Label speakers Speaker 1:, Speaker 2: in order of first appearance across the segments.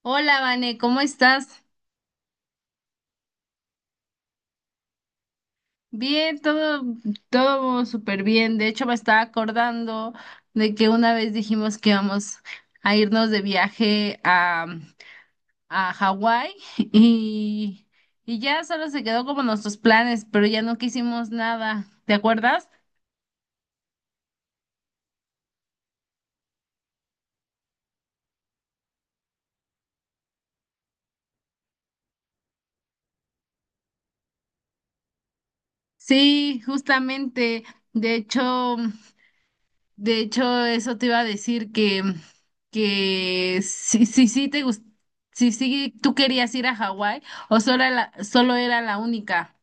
Speaker 1: Hola, Vane, ¿cómo estás? Bien, todo súper bien. De hecho, me estaba acordando de que una vez dijimos que íbamos a irnos de viaje a Hawái y, y ya solo se quedó como nuestros planes, pero ya no quisimos nada. ¿Te acuerdas? Sí, justamente. De hecho. De hecho, eso te iba a decir que sí te gust- si, sí tú querías ir a Hawái o solo era la única.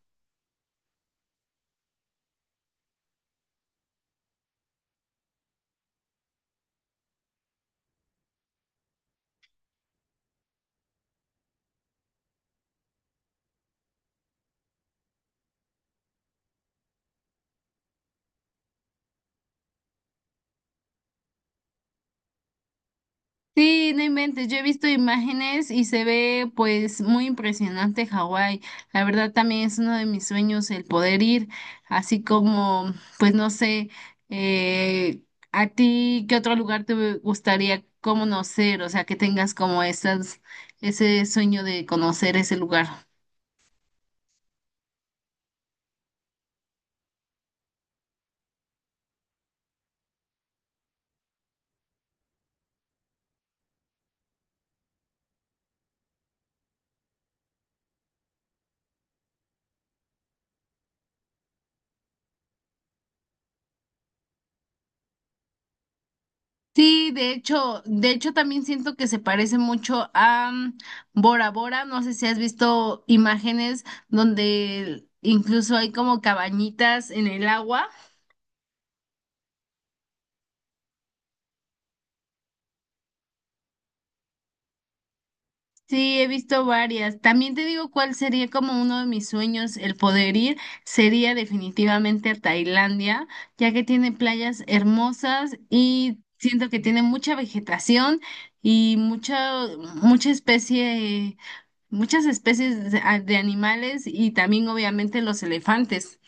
Speaker 1: Sí, no inventes, yo he visto imágenes y se ve pues muy impresionante Hawái. La verdad también es uno de mis sueños el poder ir, así como pues no sé, eh, a ti qué otro lugar te gustaría conocer, o sea, que tengas como ese sueño de conocer ese lugar. Sí, de hecho también siento que se parece mucho a Bora Bora. No sé si has visto imágenes donde incluso hay como cabañitas en el agua. Sí, he visto varias. También te digo cuál sería como uno de mis sueños, el poder ir, sería definitivamente a Tailandia, ya que tiene playas hermosas y siento que tiene mucha vegetación y mucha especie, muchas especies de animales y también obviamente los elefantes.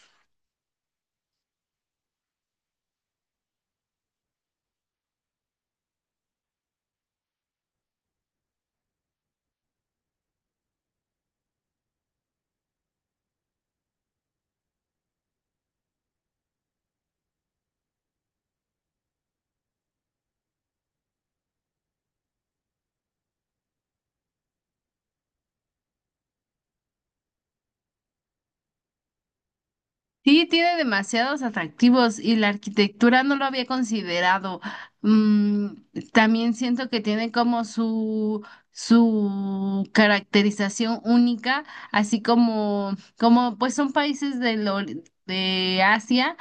Speaker 1: Sí, tiene demasiados atractivos y la arquitectura no lo había considerado. Mm, También siento que tiene como su caracterización única, así como pues son países de Asia,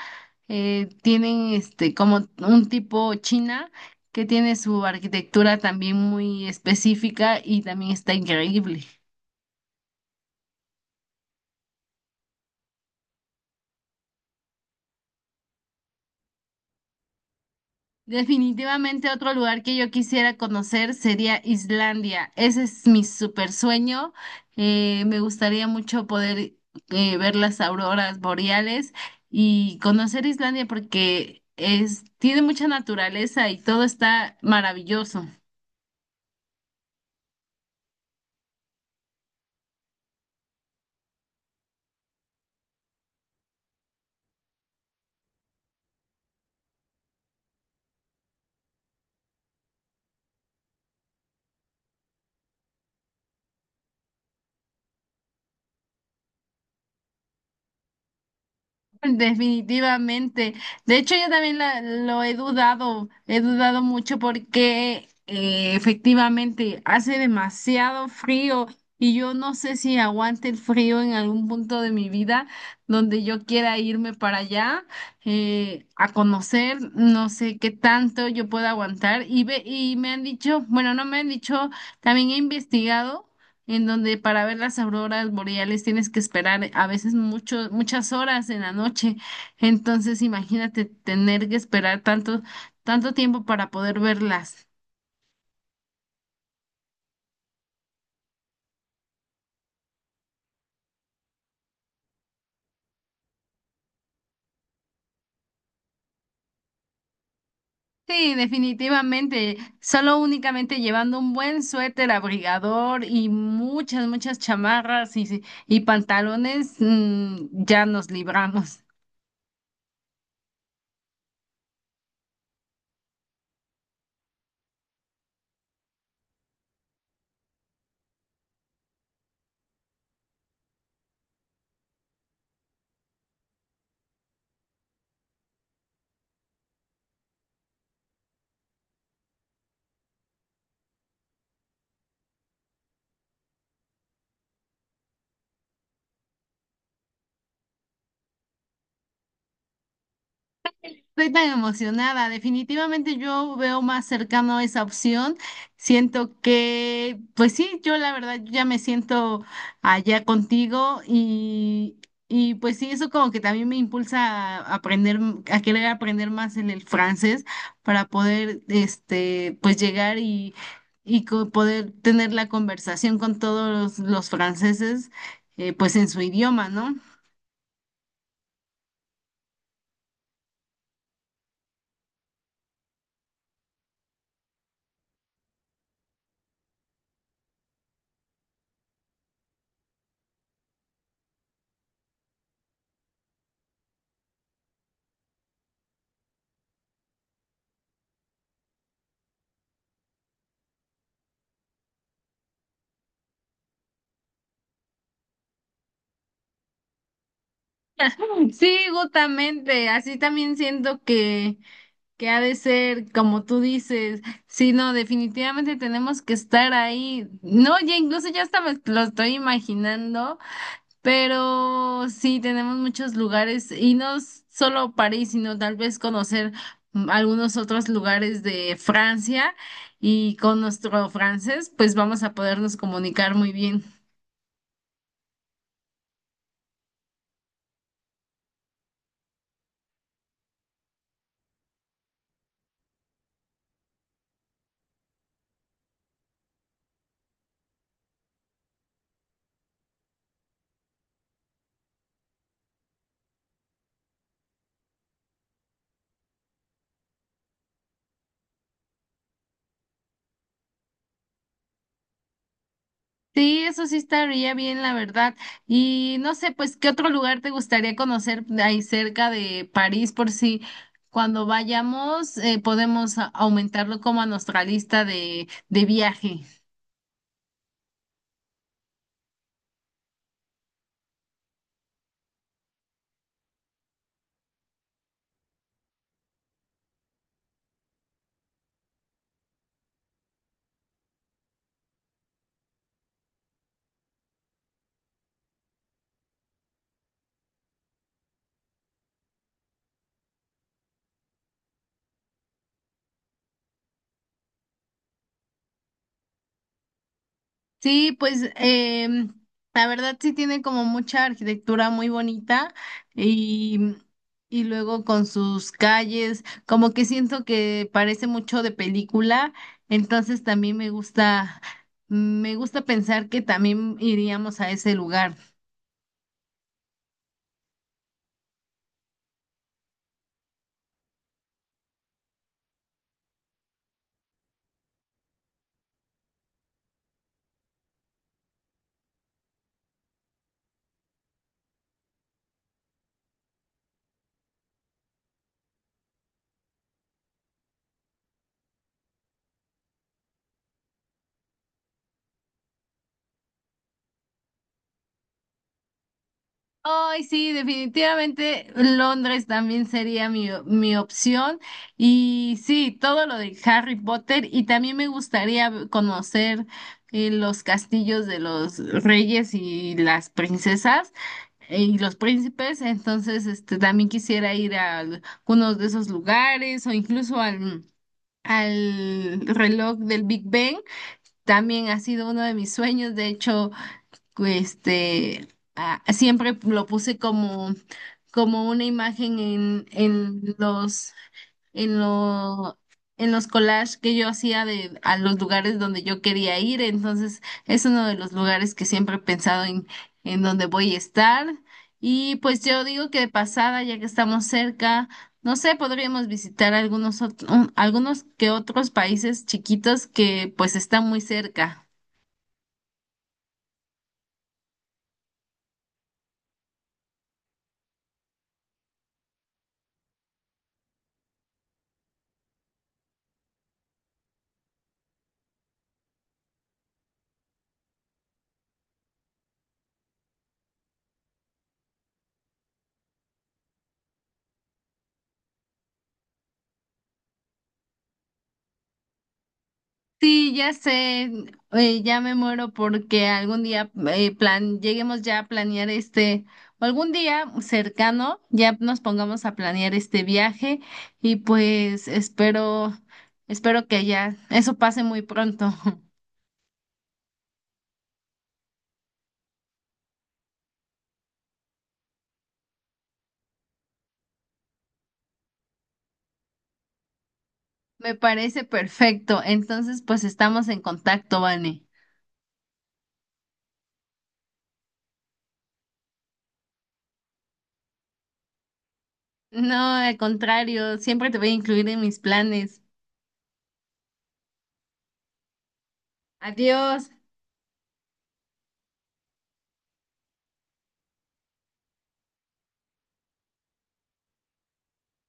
Speaker 1: tienen este como un tipo China que tiene su arquitectura también muy específica y también está increíble. Definitivamente otro lugar que yo quisiera conocer sería Islandia. Ese es mi super sueño. Me gustaría mucho poder ver las auroras boreales y conocer Islandia porque es, tiene mucha naturaleza y todo está maravilloso. Definitivamente. De hecho, yo también lo he dudado mucho porque efectivamente hace demasiado frío y yo no sé si aguante el frío en algún punto de mi vida donde yo quiera irme para allá a conocer, no sé qué tanto yo pueda aguantar y y me han dicho, bueno, no me han dicho, también he investigado en donde para ver las auroras boreales tienes que esperar a veces mucho, muchas horas en la noche. Entonces, imagínate tener que esperar tanto tiempo para poder verlas. Sí, definitivamente. Solo únicamente llevando un buen suéter abrigador y muchas chamarras y pantalones, ya nos libramos. Estoy tan emocionada. Definitivamente yo veo más cercano esa opción. Siento pues sí, yo la verdad yo ya me siento allá contigo y pues sí, eso como que también me impulsa a a querer aprender más en el francés para poder, este, pues poder tener la conversación con los franceses, pues en su idioma, ¿no? Sí, justamente. Así también siento que ha de ser, como tú dices, sí, no, definitivamente tenemos que estar ahí. No, ya incluso ya hasta me lo estoy imaginando, pero sí, tenemos muchos lugares y no s- solo París, sino tal vez conocer algunos otros lugares de Francia y con nuestro francés, pues vamos a podernos comunicar muy bien. Sí, eso sí estaría bien, la verdad. Y no sé, pues, ¿qué otro lugar te gustaría conocer de ahí cerca de París? Por si cuando vayamos, podemos aumentarlo como a nuestra lista de viaje. Sí, pues la verdad sí tiene como mucha arquitectura muy bonita y, y luego con sus calles, como que siento que parece mucho de película, entonces también me me gusta pensar que también iríamos a ese lugar. Ay, sí, definitivamente Londres también sería mi opción. Y sí, todo lo de Harry Potter. Y también me gustaría conocer los castillos de los reyes y las princesas y los príncipes. Entonces, este, también quisiera ir a algunos de esos lugares o incluso al reloj del Big Ben. También ha sido uno de mis sueños. De hecho, este, ah, siempre lo puse como una imagen en en lo- en los collages que yo hacía de, a los lugares donde yo quería ir. Entonces, es uno de los lugares que siempre he pensado en donde voy a estar. Y pues yo digo que de pasada, ya que estamos cerca, no sé, podríamos visitar algunos que otros países chiquitos que pues están muy cerca. Sí, ya sé, ya me muero porque algún día lleguemos ya a planear o algún día cercano, ya nos pongamos a planear este viaje y pues espero que ya eso pase muy pronto. Me parece perfecto. Entonces, pues estamos en contacto, Vane. No, al contrario, siempre te voy a incluir en mis planes. Adiós.